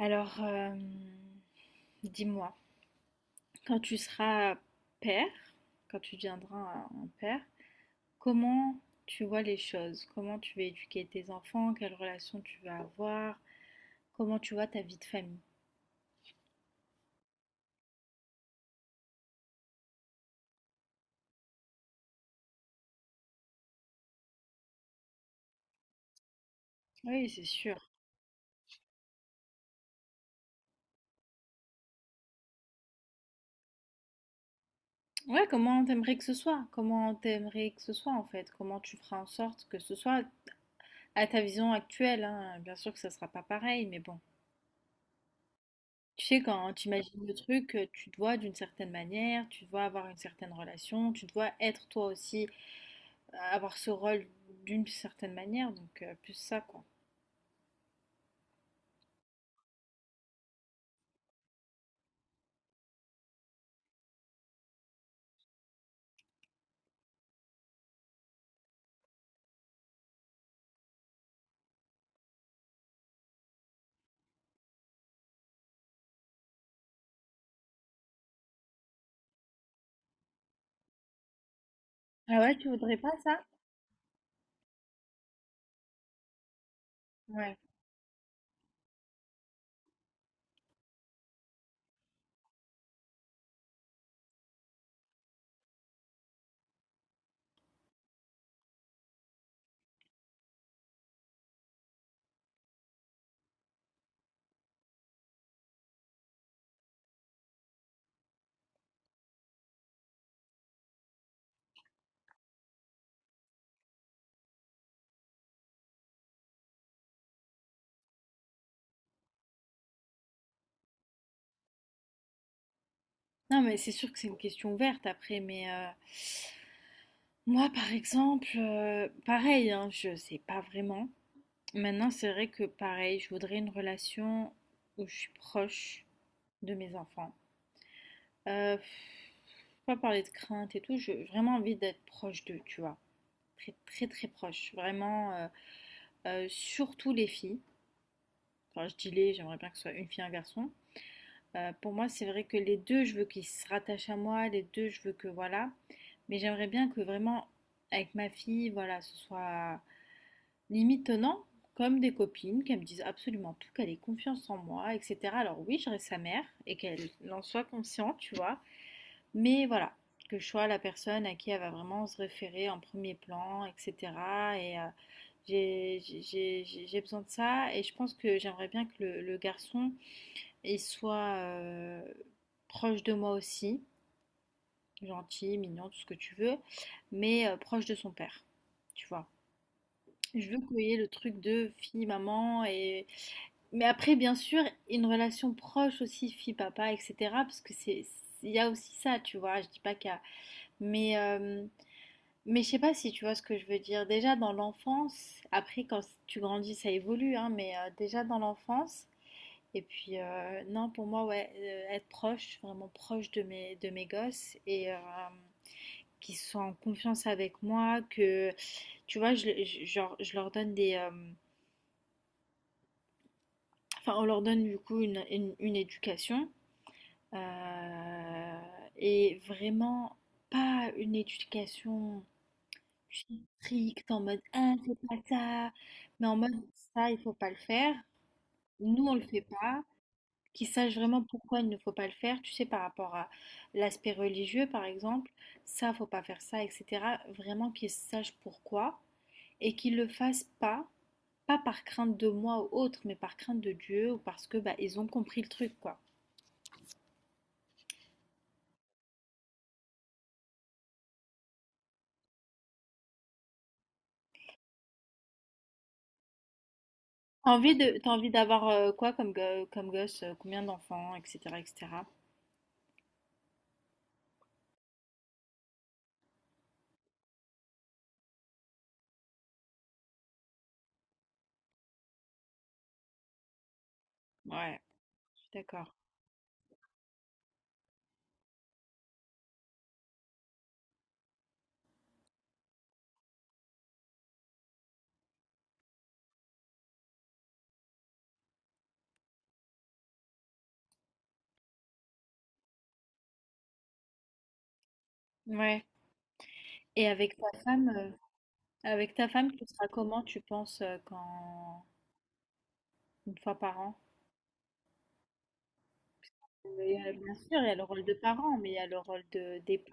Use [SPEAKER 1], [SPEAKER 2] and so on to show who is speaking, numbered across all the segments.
[SPEAKER 1] Alors, dis-moi, quand tu seras père, quand tu deviendras un père, comment tu vois les choses? Comment tu vas éduquer tes enfants? Quelle relation tu vas avoir? Comment tu vois ta vie de famille? Oui, c'est sûr. Ouais, comment t'aimerais que ce soit? Comment t'aimerais que ce soit en fait? Comment tu feras en sorte que ce soit à ta vision actuelle, hein. Bien sûr que ça sera pas pareil, mais bon. Tu sais, quand tu imagines le truc, tu te vois d'une certaine manière, tu te vois avoir une certaine relation, tu te vois être toi aussi avoir ce rôle d'une certaine manière, donc plus ça, quoi. Ah ouais, tu voudrais pas ça? Ouais. Non, mais c'est sûr que c'est une question ouverte après, mais moi, par exemple, pareil, hein, je sais pas vraiment. Maintenant, c'est vrai que pareil, je voudrais une relation où je suis proche de mes enfants. Euh, pas parler de crainte et tout, j'ai vraiment envie d'être proche d'eux, tu vois. Très, très, très proche. Vraiment, surtout les filles. Enfin, je dis les, j'aimerais bien que ce soit une fille, un garçon. Pour moi, c'est vrai que les deux, je veux qu'ils se rattachent à moi, les deux, je veux que voilà. Mais j'aimerais bien que vraiment, avec ma fille, voilà, ce soit limite tenant, comme des copines, qu'elles me disent absolument tout, qu'elle ait confiance en moi, etc. Alors oui, je reste sa mère et qu'elle en soit consciente, tu vois. Mais voilà, que je sois la personne à qui elle va vraiment se référer en premier plan, etc. Et j'ai j'ai besoin de ça. Et je pense que j'aimerais bien que le garçon et sois proche de moi aussi, gentil, mignon, tout ce que tu veux, mais proche de son père, tu vois. Je veux qu'il y ait le truc de fille, maman, et... Mais après, bien sûr, une relation proche aussi, fille, papa, etc., parce que c'est... Il y a aussi ça, tu vois, je dis pas qu'il y a... Mais, euh, mais je sais pas si tu vois ce que je veux dire. Déjà dans l'enfance, après quand tu grandis, ça évolue, hein, mais déjà dans l'enfance, et puis, non, pour moi, ouais, être proche, vraiment proche de mes gosses et qu'ils soient en confiance avec moi, que, tu vois, genre, je leur donne des... enfin, on leur donne du coup une éducation euh, et vraiment pas une éducation stricte en mode, ah, c'est pas ça, mais en mode, ça, il faut pas le faire. Nous, on le fait pas. Qui sachent vraiment pourquoi il ne faut pas le faire, tu sais, par rapport à l'aspect religieux, par exemple, ça, faut pas faire ça, etc. Vraiment qu'ils sachent pourquoi et qu'ils le fassent pas, pas par crainte de moi ou autre, mais par crainte de Dieu ou parce que bah, ils ont compris le truc, quoi. T'as envie t'as envie d'avoir quoi comme, comme gosse, combien d'enfants, etc., etc. Ouais, je suis d'accord. Ouais. Et avec ta femme, tu seras comment, tu penses, quand une fois par an? Mais, bien sûr, il y a le rôle de parent, mais il y a le rôle de d'époux.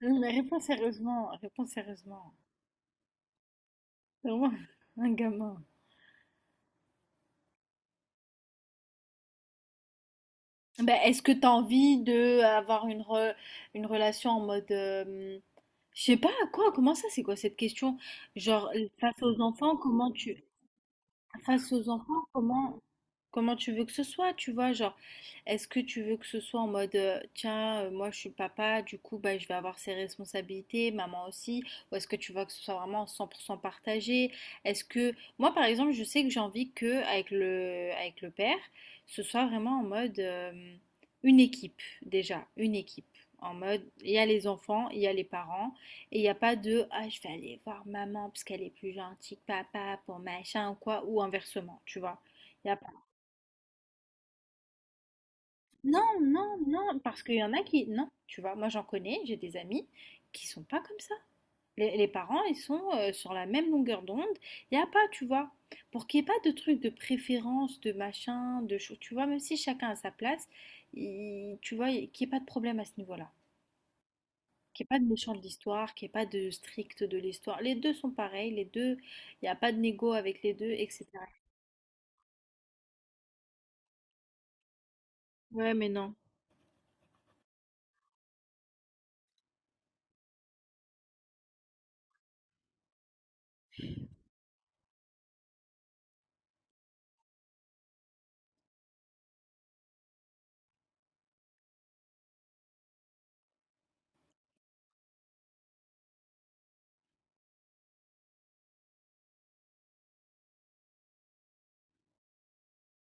[SPEAKER 1] Non, mais réponds sérieusement, réponds sérieusement. C'est vraiment, un gamin. Ben, est-ce que tu as envie de avoir une relation en mode... je sais pas, quoi, comment ça, c'est quoi cette question? Genre, face aux enfants, comment tu... Face aux enfants, comment... Comment tu veux que ce soit, tu vois, genre, est-ce que tu veux que ce soit en mode, tiens, moi je suis papa, du coup, bah, je vais avoir ses responsabilités, maman aussi, ou est-ce que tu veux que ce soit vraiment 100% partagé? Est-ce que, moi par exemple, je sais que j'ai envie que, avec le père, ce soit vraiment en mode, une équipe, déjà, une équipe. En mode, il y a les enfants, il y a les parents, et il n'y a pas de, ah, je vais aller voir maman parce qu'elle est plus gentille que papa pour machin ou quoi, ou inversement, tu vois. Non, non, non, parce qu'il y en a qui, non, tu vois, moi j'en connais, j'ai des amis qui sont pas comme ça. Les parents, ils sont sur la même longueur d'onde. Il n'y a pas, tu vois, pour qu'il n'y ait pas de trucs de préférence, de machin, de choses, tu vois, même si chacun a sa place, tu vois, qu'il n'y ait pas de problème à ce niveau-là. Qu'il n'y ait pas de méchant de l'histoire, qu'il n'y ait pas de strict de l'histoire. Les deux sont pareils, les deux, il n'y a pas de négo avec les deux, etc. Ouais, mais non.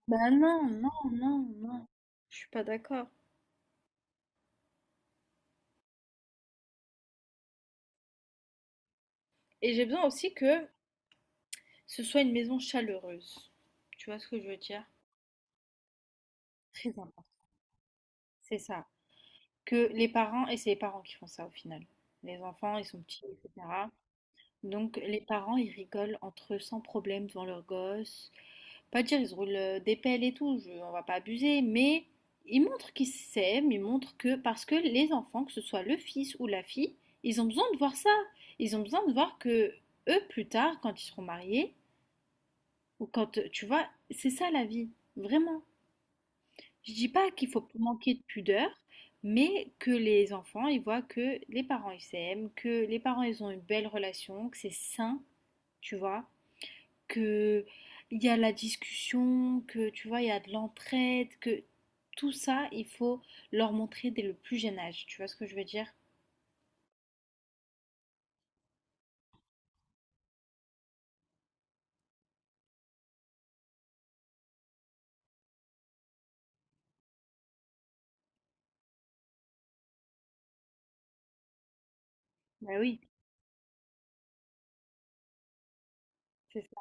[SPEAKER 1] Bah non, non, non, non. Je suis pas d'accord. Et j'ai besoin aussi que ce soit une maison chaleureuse. Tu vois ce que je veux dire? Très important. C'est ça. Que les parents, et c'est les parents qui font ça au final. Les enfants, ils sont petits, etc. Donc les parents, ils rigolent entre eux sans problème devant leurs gosses. Pas dire, ils se roulent des pelles et tout, on va pas abuser, mais ils montrent qu'ils s'aiment, ils montrent que, parce que les enfants, que ce soit le fils ou la fille, ils ont besoin de voir ça. Ils ont besoin de voir que eux, plus tard, quand ils seront mariés, ou quand, tu vois, c'est ça la vie, vraiment. Je dis pas qu'il faut manquer de pudeur, mais que les enfants, ils voient que les parents, ils s'aiment, que les parents, ils ont une belle relation, que c'est sain, tu vois, que il y a la discussion, que tu vois, il y a de l'entraide, que tout ça, il faut leur montrer dès le plus jeune âge. Tu vois ce que je veux dire? Bah oui, c'est ça.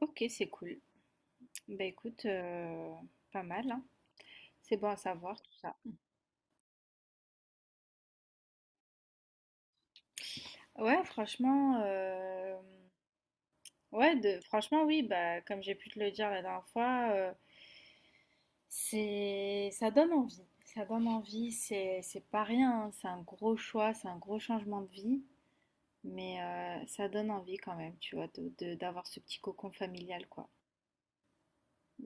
[SPEAKER 1] Ok, c'est cool. Bah écoute, pas mal, hein. C'est bon à savoir tout ça. Ouais, franchement, ouais, de, franchement, oui, bah, comme j'ai pu te le dire la dernière fois, c'est, ça donne envie. Ça donne envie, c'est pas rien, hein, c'est un gros choix, c'est un gros changement de vie, mais ça donne envie quand même, tu vois, de, d'avoir ce petit cocon familial, quoi,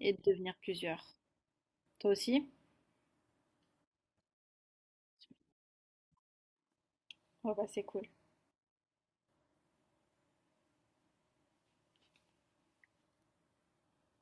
[SPEAKER 1] et de devenir plusieurs. Toi aussi? Ouais, bah, c'est cool.